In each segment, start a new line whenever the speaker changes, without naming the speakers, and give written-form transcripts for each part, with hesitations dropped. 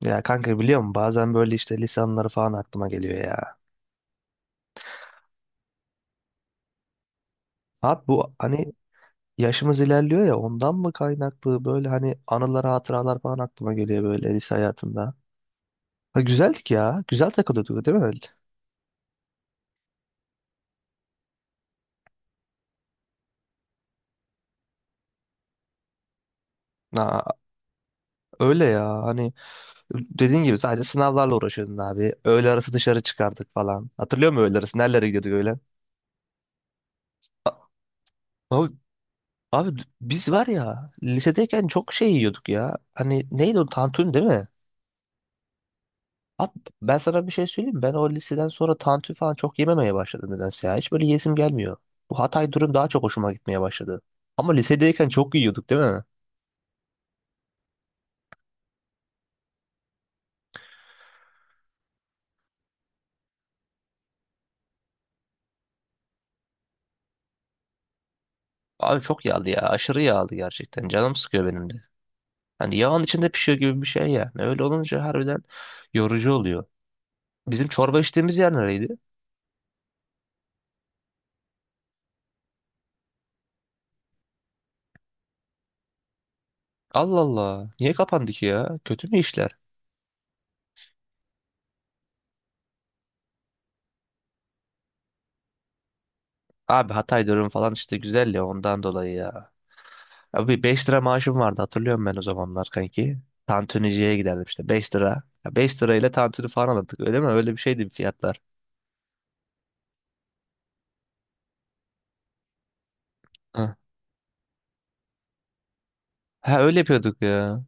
Ya kanka biliyor musun bazen böyle işte lisanları falan aklıma geliyor ya. Abi bu hani yaşımız ilerliyor ya ondan mı kaynaklı böyle hani anılar hatıralar falan aklıma geliyor böyle lise hayatında. Ha, güzeldik ya güzel takılıyorduk değil mi? Ha, öyle ya hani dediğin gibi sadece sınavlarla uğraşıyordun abi. Öğle arası dışarı çıkardık falan. Hatırlıyor musun öğle arası nerelere gidiyorduk öğlen? Abi, abi, biz var ya lisedeyken çok şey yiyorduk ya. Hani neydi o tantuni değil mi? Abi ben sana bir şey söyleyeyim mi? Ben o liseden sonra tantuni falan çok yememeye başladım nedense ya. Hiç böyle yesim gelmiyor. Bu Hatay durum daha çok hoşuma gitmeye başladı. Ama lisedeyken çok yiyorduk değil mi? Abi çok yağlı ya. Aşırı yağlı gerçekten. Canım sıkıyor benim de. Hani yağın içinde pişiyor gibi bir şey yani. Öyle olunca harbiden yorucu oluyor. Bizim çorba içtiğimiz yer nereydi? Allah Allah. Niye kapandı ki ya? Kötü mü işler? Abi Hatay durum falan işte güzel ya ondan dolayı ya. Abi 5 lira maaşım vardı hatırlıyorum ben o zamanlar kanki. Tantuniciye giderdim işte 5 lira. Ya 5 lirayla tantuni falan alırdık öyle mi? Öyle bir şeydi fiyatlar. Ha, Ha, öyle yapıyorduk ya.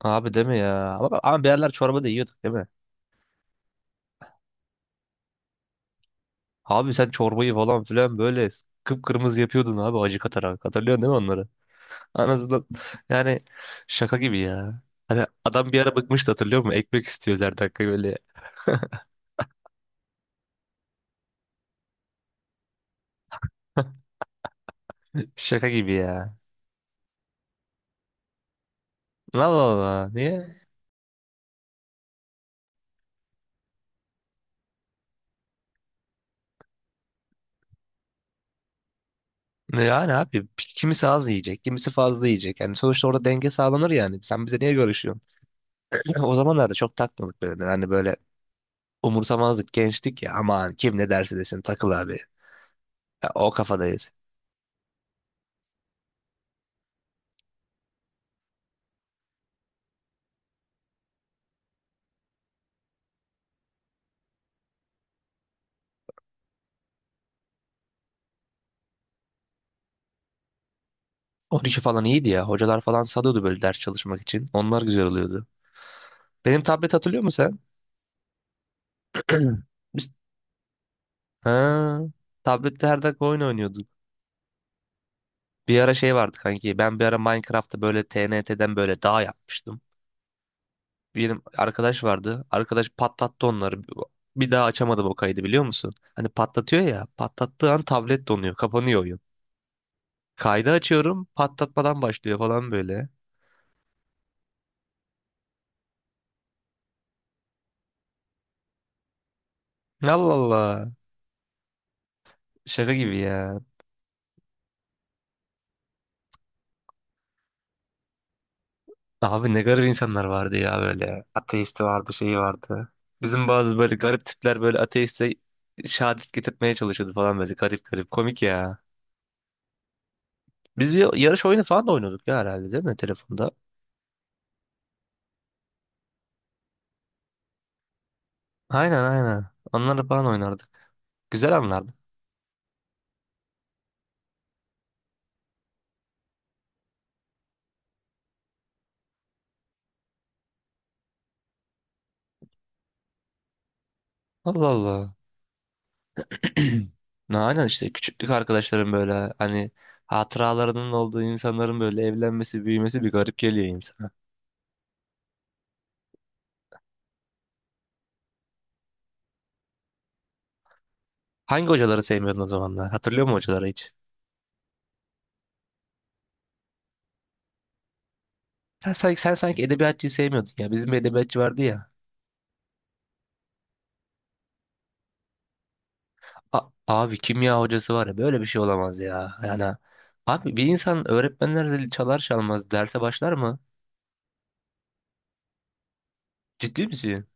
Abi değil mi ya? Ama, bir yerler çorba da yiyorduk değil mi? Abi sen çorbayı falan filan böyle kıpkırmızı yapıyordun abi acı katarak. Hatırlıyorsun değil mi onları? Anasından yani şaka gibi ya. Hani adam bir ara bıkmıştı hatırlıyor musun? Ekmek istiyoruz her dakika böyle. Şaka gibi ya. Allah Allah niye? Yani abi kimisi az yiyecek, kimisi fazla yiyecek. Yani sonuçta orada denge sağlanır yani. Sen bize niye görüşüyorsun? O zamanlarda çok takmadık böyle. Yani böyle umursamazdık, gençtik ya. Aman kim ne derse desin takıl abi. Ya, o kafadayız. 12 falan iyiydi ya. Hocalar falan salıyordu böyle ders çalışmak için. Onlar güzel oluyordu. Benim tablet hatırlıyor musun sen? Biz... Ha, tablette her dakika oyun oynuyorduk. Bir ara şey vardı kanki. Ben bir ara Minecraft'ta böyle TNT'den böyle dağ yapmıştım. Benim arkadaş vardı. Arkadaş patlattı onları. Bir daha açamadım o kaydı biliyor musun? Hani patlatıyor ya. Patlattığı an tablet donuyor. Kapanıyor oyun. Kaydı açıyorum. Patlatmadan başlıyor falan böyle. Allah Allah. Şaka gibi ya. Abi ne garip insanlar vardı ya böyle. Ateisti vardı, şeyi vardı. Bizim bazı böyle garip tipler böyle ateiste şehadet getirtmeye çalışıyordu falan böyle garip garip. Komik ya. Biz bir yarış oyunu falan da oynuyorduk ya herhalde değil mi telefonda? Aynen aynen. Onları falan oynardık. Güzel anlardı. Allah Allah. Ne aynen işte küçüklük arkadaşların böyle hani hatıralarının olduğu insanların böyle evlenmesi, büyümesi bir garip geliyor insana. Hangi hocaları sevmiyordun o zamanlar? Hatırlıyor musun hocaları hiç? Sen sanki edebiyatçıyı sevmiyordun ya. Bizim bir edebiyatçı vardı ya. Abi kimya hocası var ya böyle bir şey olamaz ya. Yani abi bir insan öğretmenler zili çalar çalmaz derse başlar mı? Ciddi misin?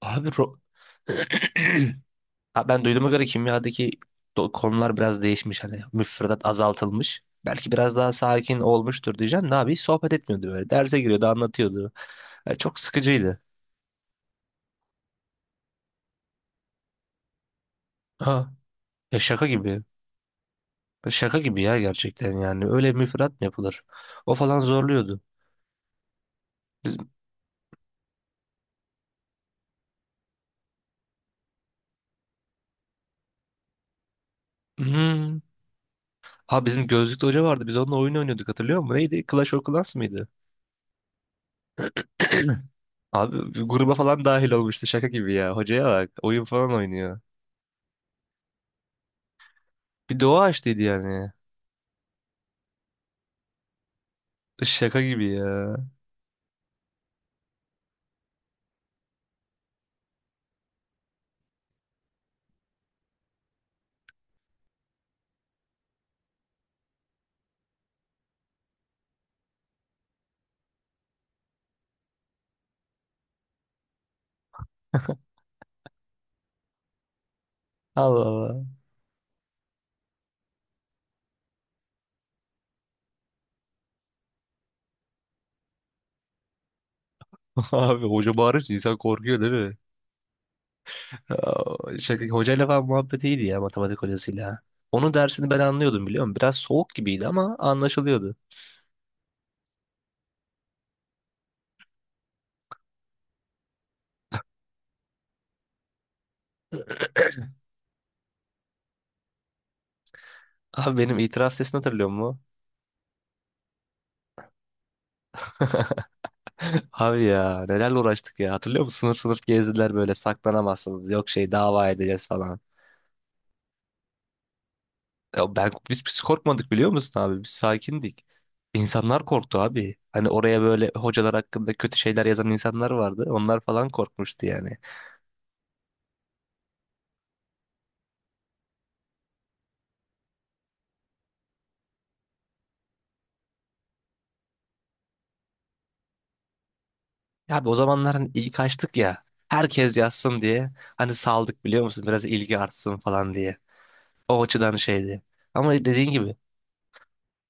Abi Ha, ben duyduğuma göre kimyadaki konular biraz değişmiş hani müfredat azaltılmış. Belki biraz daha sakin olmuştur diyeceğim. Ne abi hiç sohbet etmiyordu böyle. Derse giriyordu, anlatıyordu. Ya çok sıkıcıydı. Ha, ya şaka gibi. Ya Şaka gibi ya gerçekten yani. Öyle müfredat mı yapılır? O falan zorluyordu. Biz, Hmm. Ha bizim gözlüklü hoca vardı. Biz onunla oyun oynuyorduk hatırlıyor musun? Neydi? Clash of Clans mıydı? Abi bir gruba falan dahil olmuştu şaka gibi ya. Hocaya bak. Oyun falan oynuyor. Bir doğa açtıydı yani. Şaka gibi ya. Allah Allah. Abi hoca bağırınca insan korkuyor değil mi? Hocayla falan muhabbet iyiydi ya matematik hocasıyla. Onun dersini ben anlıyordum biliyor musun? Biraz soğuk gibiydi ama anlaşılıyordu. Abi benim itiraf sesini hatırlıyor musun? Abi ya nelerle uğraştık ya hatırlıyor musun? Sınıf sınıf gezdiler böyle saklanamazsınız yok şey dava edeceğiz falan. Ya ben biz korkmadık biliyor musun abi biz sakindik. İnsanlar korktu abi. Hani oraya böyle hocalar hakkında kötü şeyler yazan insanlar vardı. Onlar falan korkmuştu yani. Ya abi o zamanlar hani ilk açtık ya. Herkes yazsın diye. Hani saldık biliyor musun? Biraz ilgi artsın falan diye. O açıdan şeydi. Ama dediğin gibi.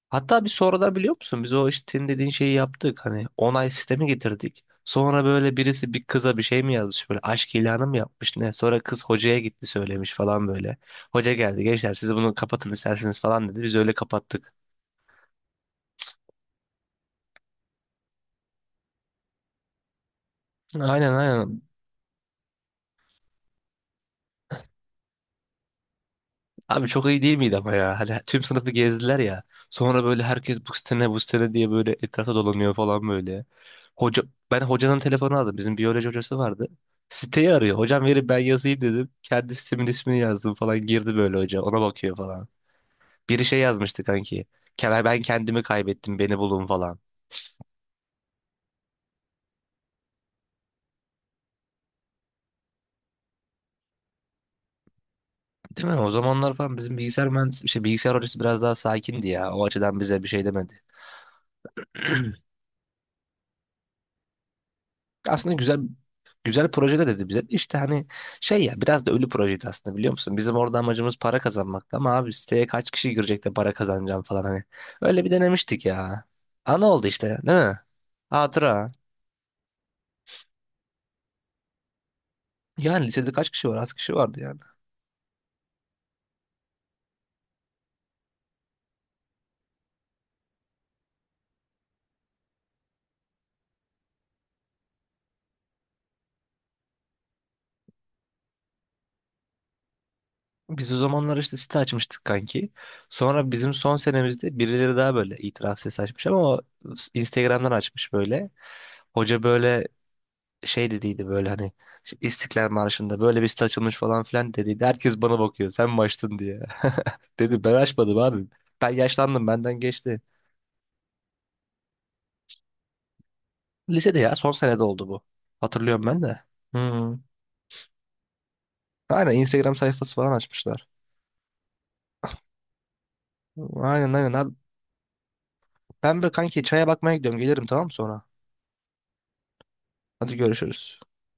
Hatta bir sonradan biliyor musun? Biz o işte senin dediğin şeyi yaptık. Hani onay sistemi getirdik. Sonra böyle birisi bir kıza bir şey mi yazmış böyle aşk ilanı mı yapmış ne? Sonra kız hocaya gitti söylemiş falan böyle. Hoca geldi gençler siz bunu kapatın isterseniz falan dedi. Biz öyle kapattık. Aynen aynen. Abi çok iyi değil miydi ama ya? Hani tüm sınıfı gezdiler ya. Sonra böyle herkes bu sitene bu sitene diye böyle etrafa dolanıyor falan böyle. Hoca, ben hocanın telefonu aldım. Bizim biyoloji hocası vardı. Siteyi arıyor. Hocam verin ben yazayım dedim. Kendi sitemin ismini yazdım falan. Girdi böyle hoca. Ona bakıyor falan. Biri şey yazmıştı kanki. Ben kendimi kaybettim. Beni bulun falan. Değil mi? O zamanlar falan bizim bilgisayar mühendis, şey, bilgisayar hocası biraz daha sakindi ya. O açıdan bize bir şey demedi. Aslında güzel güzel projeler dedi bize. İşte hani şey ya biraz da ölü projeydi aslında biliyor musun? Bizim orada amacımız para kazanmaktı ama abi siteye kaç kişi girecek de para kazanacağım falan hani. Öyle bir denemiştik ya. Ana oldu işte değil mi? Hatıra. Yani lisede kaç kişi var? Az kişi vardı yani. Biz o zamanlar işte site açmıştık kanki. Sonra bizim son senemizde birileri daha böyle itiraf sesi açmış ama o Instagram'dan açmış böyle. Hoca böyle şey dediydi böyle hani işte İstiklal Marşı'nda böyle bir site açılmış falan filan dediydi. Herkes bana bakıyor sen mi açtın diye. Dedim ben açmadım abi. Ben yaşlandım benden geçti. Lisede ya son senede oldu bu. Hatırlıyorum ben de. Hı. Aynen Instagram sayfası falan açmışlar. Aynen aynen abi. Ben böyle kanki çaya bakmaya gidiyorum. Gelirim tamam mı sonra? Hadi görüşürüz.